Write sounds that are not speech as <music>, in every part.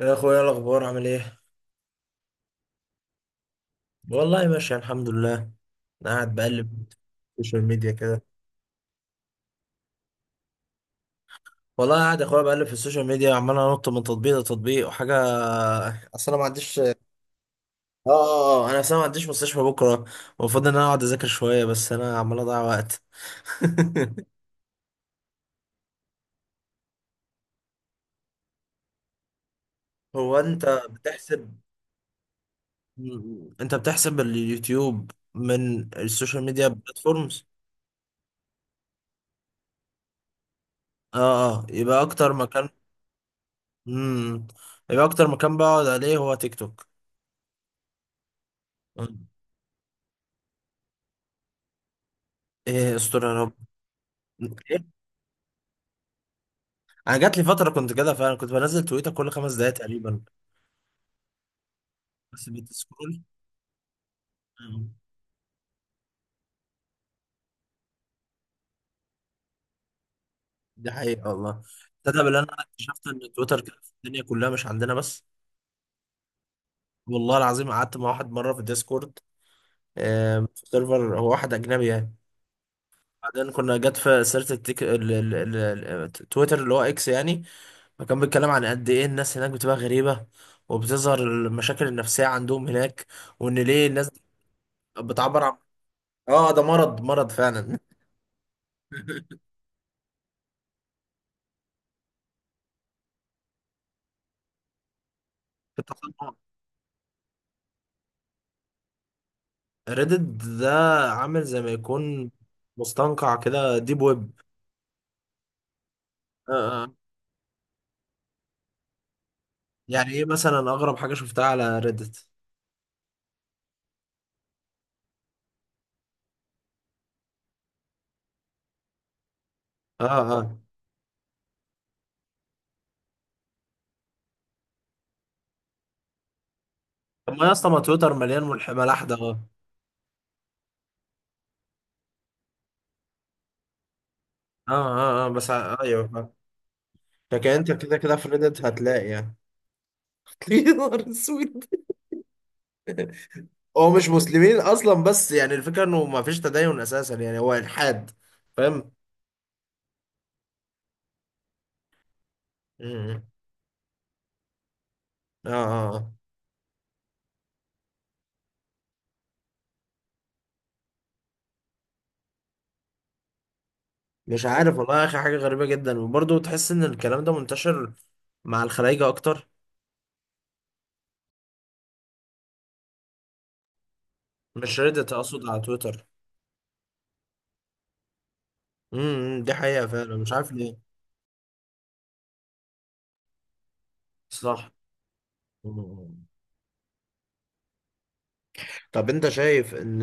يا اخويا، إيه الاخبار؟ عامل ايه؟ والله ماشي، الحمد لله. انا قاعد بقلب في السوشيال ميديا كده. والله قاعد يا اخويا بقلب في السوشيال ميديا، عمال انط من تطبيق لتطبيق وحاجه. اصل انا ما عنديش اه آه، آه، انا اصلا ما عنديش مستشفى بكره. المفروض ان انا اقعد اذاكر شويه، بس انا عمال اضيع وقت. <laughs> هو انت بتحسب اليوتيوب من السوشيال ميديا بلاتفورمز؟ اه، اه، امم يبقى اكتر مكان بقعد عليه هو تيك توك. ايه استر يا رب؟ إيه؟ انا جات لي فتره كنت كده فعلا، كنت بنزل تويتر كل 5 دقايق تقريبا. بس بتسكرول. مم. دي حقيقه والله. تصدق بالله إن انا اكتشفت ان تويتر كده في الدنيا كلها، مش عندنا بس؟ والله العظيم قعدت مع واحد مره في الديسكورد. في سيرفر، هو واحد اجنبي يعني. بعدين كنا جت في سيره التيك... ال... ال... ال... ال- تويتر اللي هو اكس يعني. فكان بيتكلم عن قد ايه الناس هناك بتبقى غريبه، وبتظهر المشاكل النفسيه عندهم هناك، وان ليه الناس بتعبر عن... اه، ده مرض مرض فعلا. <laughs> في التصنع. ريدد ده عامل زي ما يكون مستنقع كده، ديب ويب. آه، آه. يعني ايه مثلا اغرب حاجه شفتها على ريدت؟ اه، اه. طب ما يا اسطى، ما تويتر مليان ملح ملاح ده اه، اه، آه، بس ايوه، آه. لكن انت كده كده في ريدت هتلاقي يعني. <laughs> يا نهار اسود! هو مش مسلمين اصلا، بس يعني الفكره انه ما فيش تدين اساسا، يعني هو الحاد. فاهم؟ م- م. اه، اه، مش عارف والله يا اخي، حاجه غريبه جدا، وبرضه تحس ان الكلام ده منتشر مع الخلايجه اكتر. مش ريدت، اقصد على تويتر. دي حقيقه فعلا، مش عارف ليه. صح. مم. طب انت شايف ان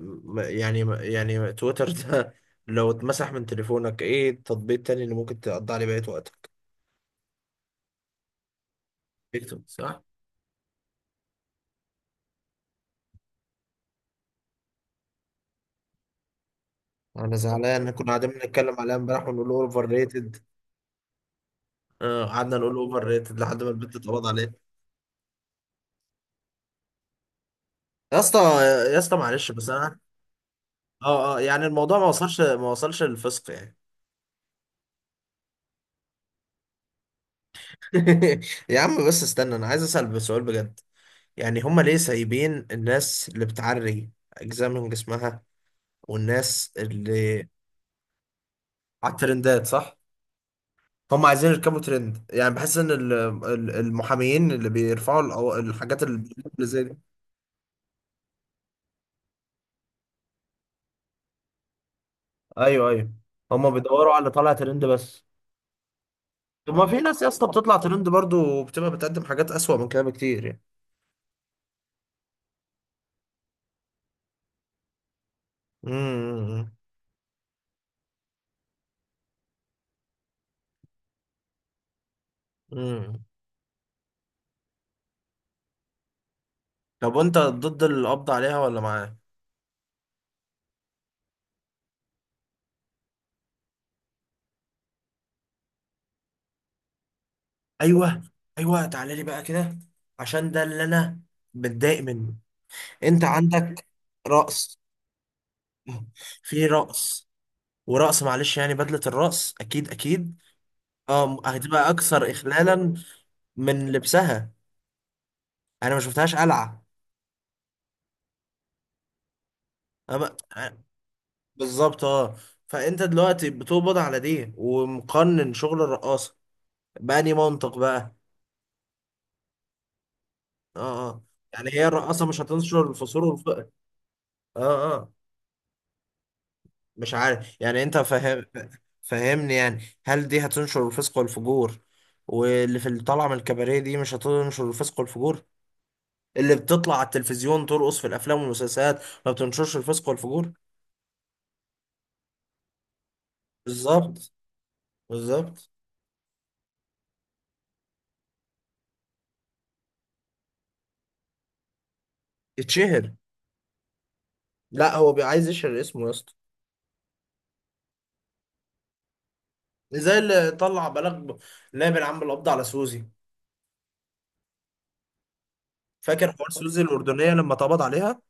يعني تويتر <laughs> ده، لو اتمسح من تليفونك، ايه التطبيق التاني اللي ممكن تقضي عليه بقية وقتك؟ تيك توك، صح. انا زعلان، احنا كنا قاعدين بنتكلم عليها امبارح ونقول اوفر ريتد. آه، قعدنا نقول اوفر ريتد لحد ما البنت اتقبض عليه. يا اسطى، يا اسطى معلش، بس انا... اه، اه، يعني الموضوع ما وصلش للفسق يعني. <laughs> يا عم بس استنى، انا عايز اسال بسؤال بجد. يعني هما ليه سايبين الناس اللي بتعري اجزاء من جسمها، والناس اللي على الترندات، صح. هما عايزين يركبوا ترند، يعني بحس ان المحاميين اللي بيرفعوا الحاجات اللي زي دي. ايوه، ايوه، هما بيدوروا على اللي طالع ترند بس. طب ما في ناس يا اسطى بتطلع ترند برضو، وبتبقى بتقدم حاجات اسوأ من كده بكتير يعني. امم امم، امم. طب وانت ضد القبض عليها ولا معاه؟ ايوه، ايوه، تعالى لي بقى كده، عشان ده اللي انا متضايق منه. انت عندك رقص، في رقص، ورقص معلش، يعني بدلة الرقص اكيد اكيد. اه، هتبقى اكثر اخلالا من لبسها. انا ما شفتهاش قلعة. آه، بالظبط، اه. فانت دلوقتي بتقبض على دي ومقنن شغل الرقاصة؟ بأني منطق بقى. اه، اه، يعني هي الرقاصة مش هتنشر الفسور والفقر؟ اه، اه، مش عارف يعني، انت فاهم؟ فاهمني يعني، هل دي هتنشر الفسق والفجور؟ واللي في اللي طالعه من الكباريه دي مش هتنشر الفسق والفجور؟ اللي بتطلع على التلفزيون ترقص في الافلام والمسلسلات ما بتنشرش الفسق والفجور؟ بالظبط، بالظبط. يتشهر. لا، هو عايز يشهر اسمه يا اسطى. زي اللي طلع بلاغ نائب العم القبض على سوزي. فاكر حوار سوزي الاردنيه لما اتقبض عليها؟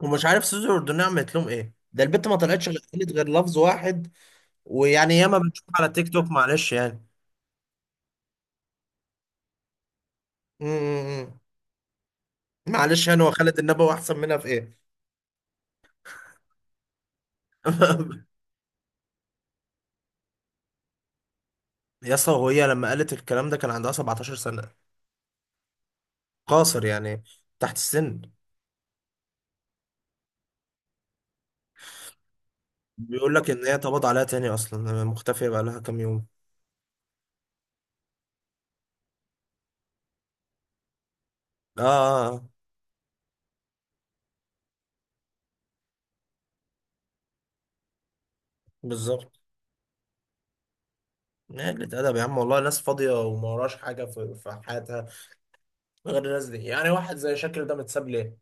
ومش عارف سوزي الاردنيه عملت لهم ايه، ده البت ما طلعتش غير قالت غير لفظ واحد. ويعني ياما بنشوف على تيك توك معلش يعني. امم معلش يعني، هو خالد النبوي احسن منها في ايه؟ <laughs> يا اسطى، وهي لما قالت الكلام ده كان عندها 17 سنة. قاصر يعني، تحت السن. بيقول لك ان هي اتقبض عليها تاني، اصلا مختفية بقى لها كام يوم. اه، آه، آه، بالظبط. قلة أدب يا عم والله، ناس فاضية وما وراش حاجة في حياتها غير الناس دي. يعني واحد زي شاكر ده متساب ليه؟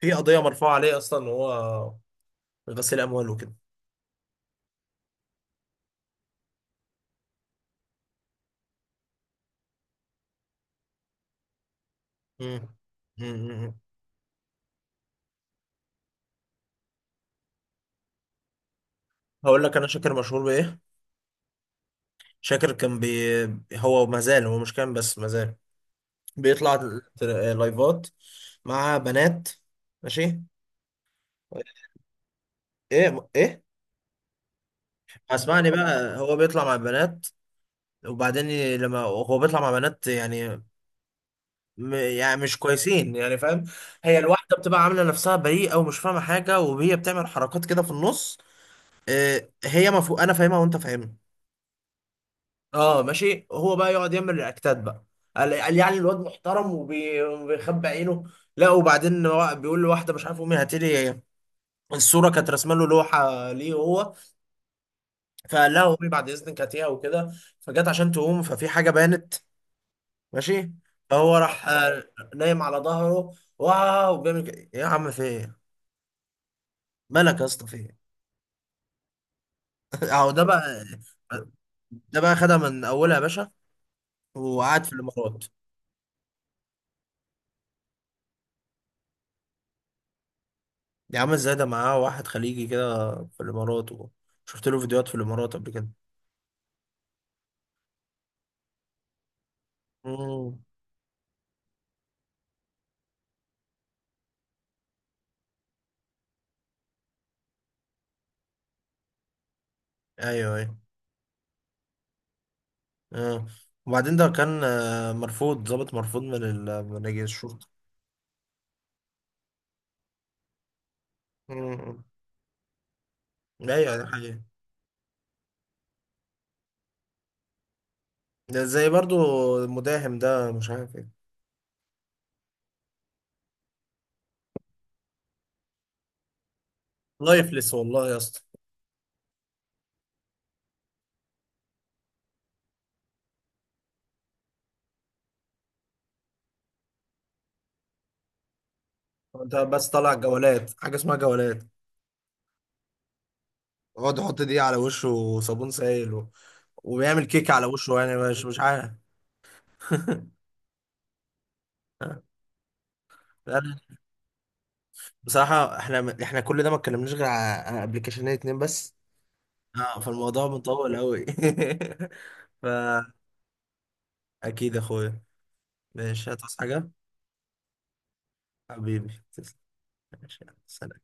في قضية مرفوعة عليه أصلا، وهو غسيل أموال وكده. مم. مم، مم، مم. هقول لك أنا، شاكر مشهور بإيه؟ شاكر كان بي... هو ما زال، هو مش كان بس ما زال بيطلع لايفات مع بنات، ماشي. ايه، ايه. اسمعني بقى، هو بيطلع مع بنات، وبعدين لما هو بيطلع مع بنات يعني يعني مش كويسين يعني، فاهم؟ هي الواحده بتبقى عامله نفسها بريئه ومش فاهمه حاجه، وهي بتعمل حركات كده في النص. إيه هي؟ مفهوم، انا فاهمها وانت فاهمها. اه ماشي، هو بقى يقعد يعمل رياكتات بقى. قال قال يعني الواد محترم وبيخبي عينه. لا، وبعدين هو بيقول لواحده مش عارف، امي هاتي لي الصوره، كانت رسمه له لوحه ليه هو، فقال لها امي بعد اذنك هاتيها وكده. فجت عشان تقوم، ففي حاجه بانت، ماشي. فهو راح نايم على ظهره، واو بيعمل كده يا عم، في ايه؟ مالك يا اسطى، في ايه؟ <laughs> اهو ده بقى. ده بقى خدها من اولها يا باشا، وقعد في الامارات. دي عامل زي ده معاه واحد خليجي كده في الامارات شفت له فيديوهات في الامارات قبل كده. امم. ايوه، ايوه، اه، وبعدين ده كان مرفوض، ضابط مرفوض من من رجال الشرطه. امم. ايوه ده حقيقي. ده زي برضو المداهم ده، مش عارف ايه. لايفلس والله يا اسطى. انت بس طالع جولات، حاجه اسمها جولات، يقعد يحط دي على وشه وصابون سائل و... وبيعمل كيك على وشه يعني، مش عارف. <laughs> لا، بصراحة احنا كل ده ما اتكلمناش غير على ابلكيشنين 2 بس. اه، فالموضوع مطول قوي. <laughs> فأكيد يا اخويا، ماشي هتصحى حاجة. حبيبي تسلم. ماشي يلا، سلام.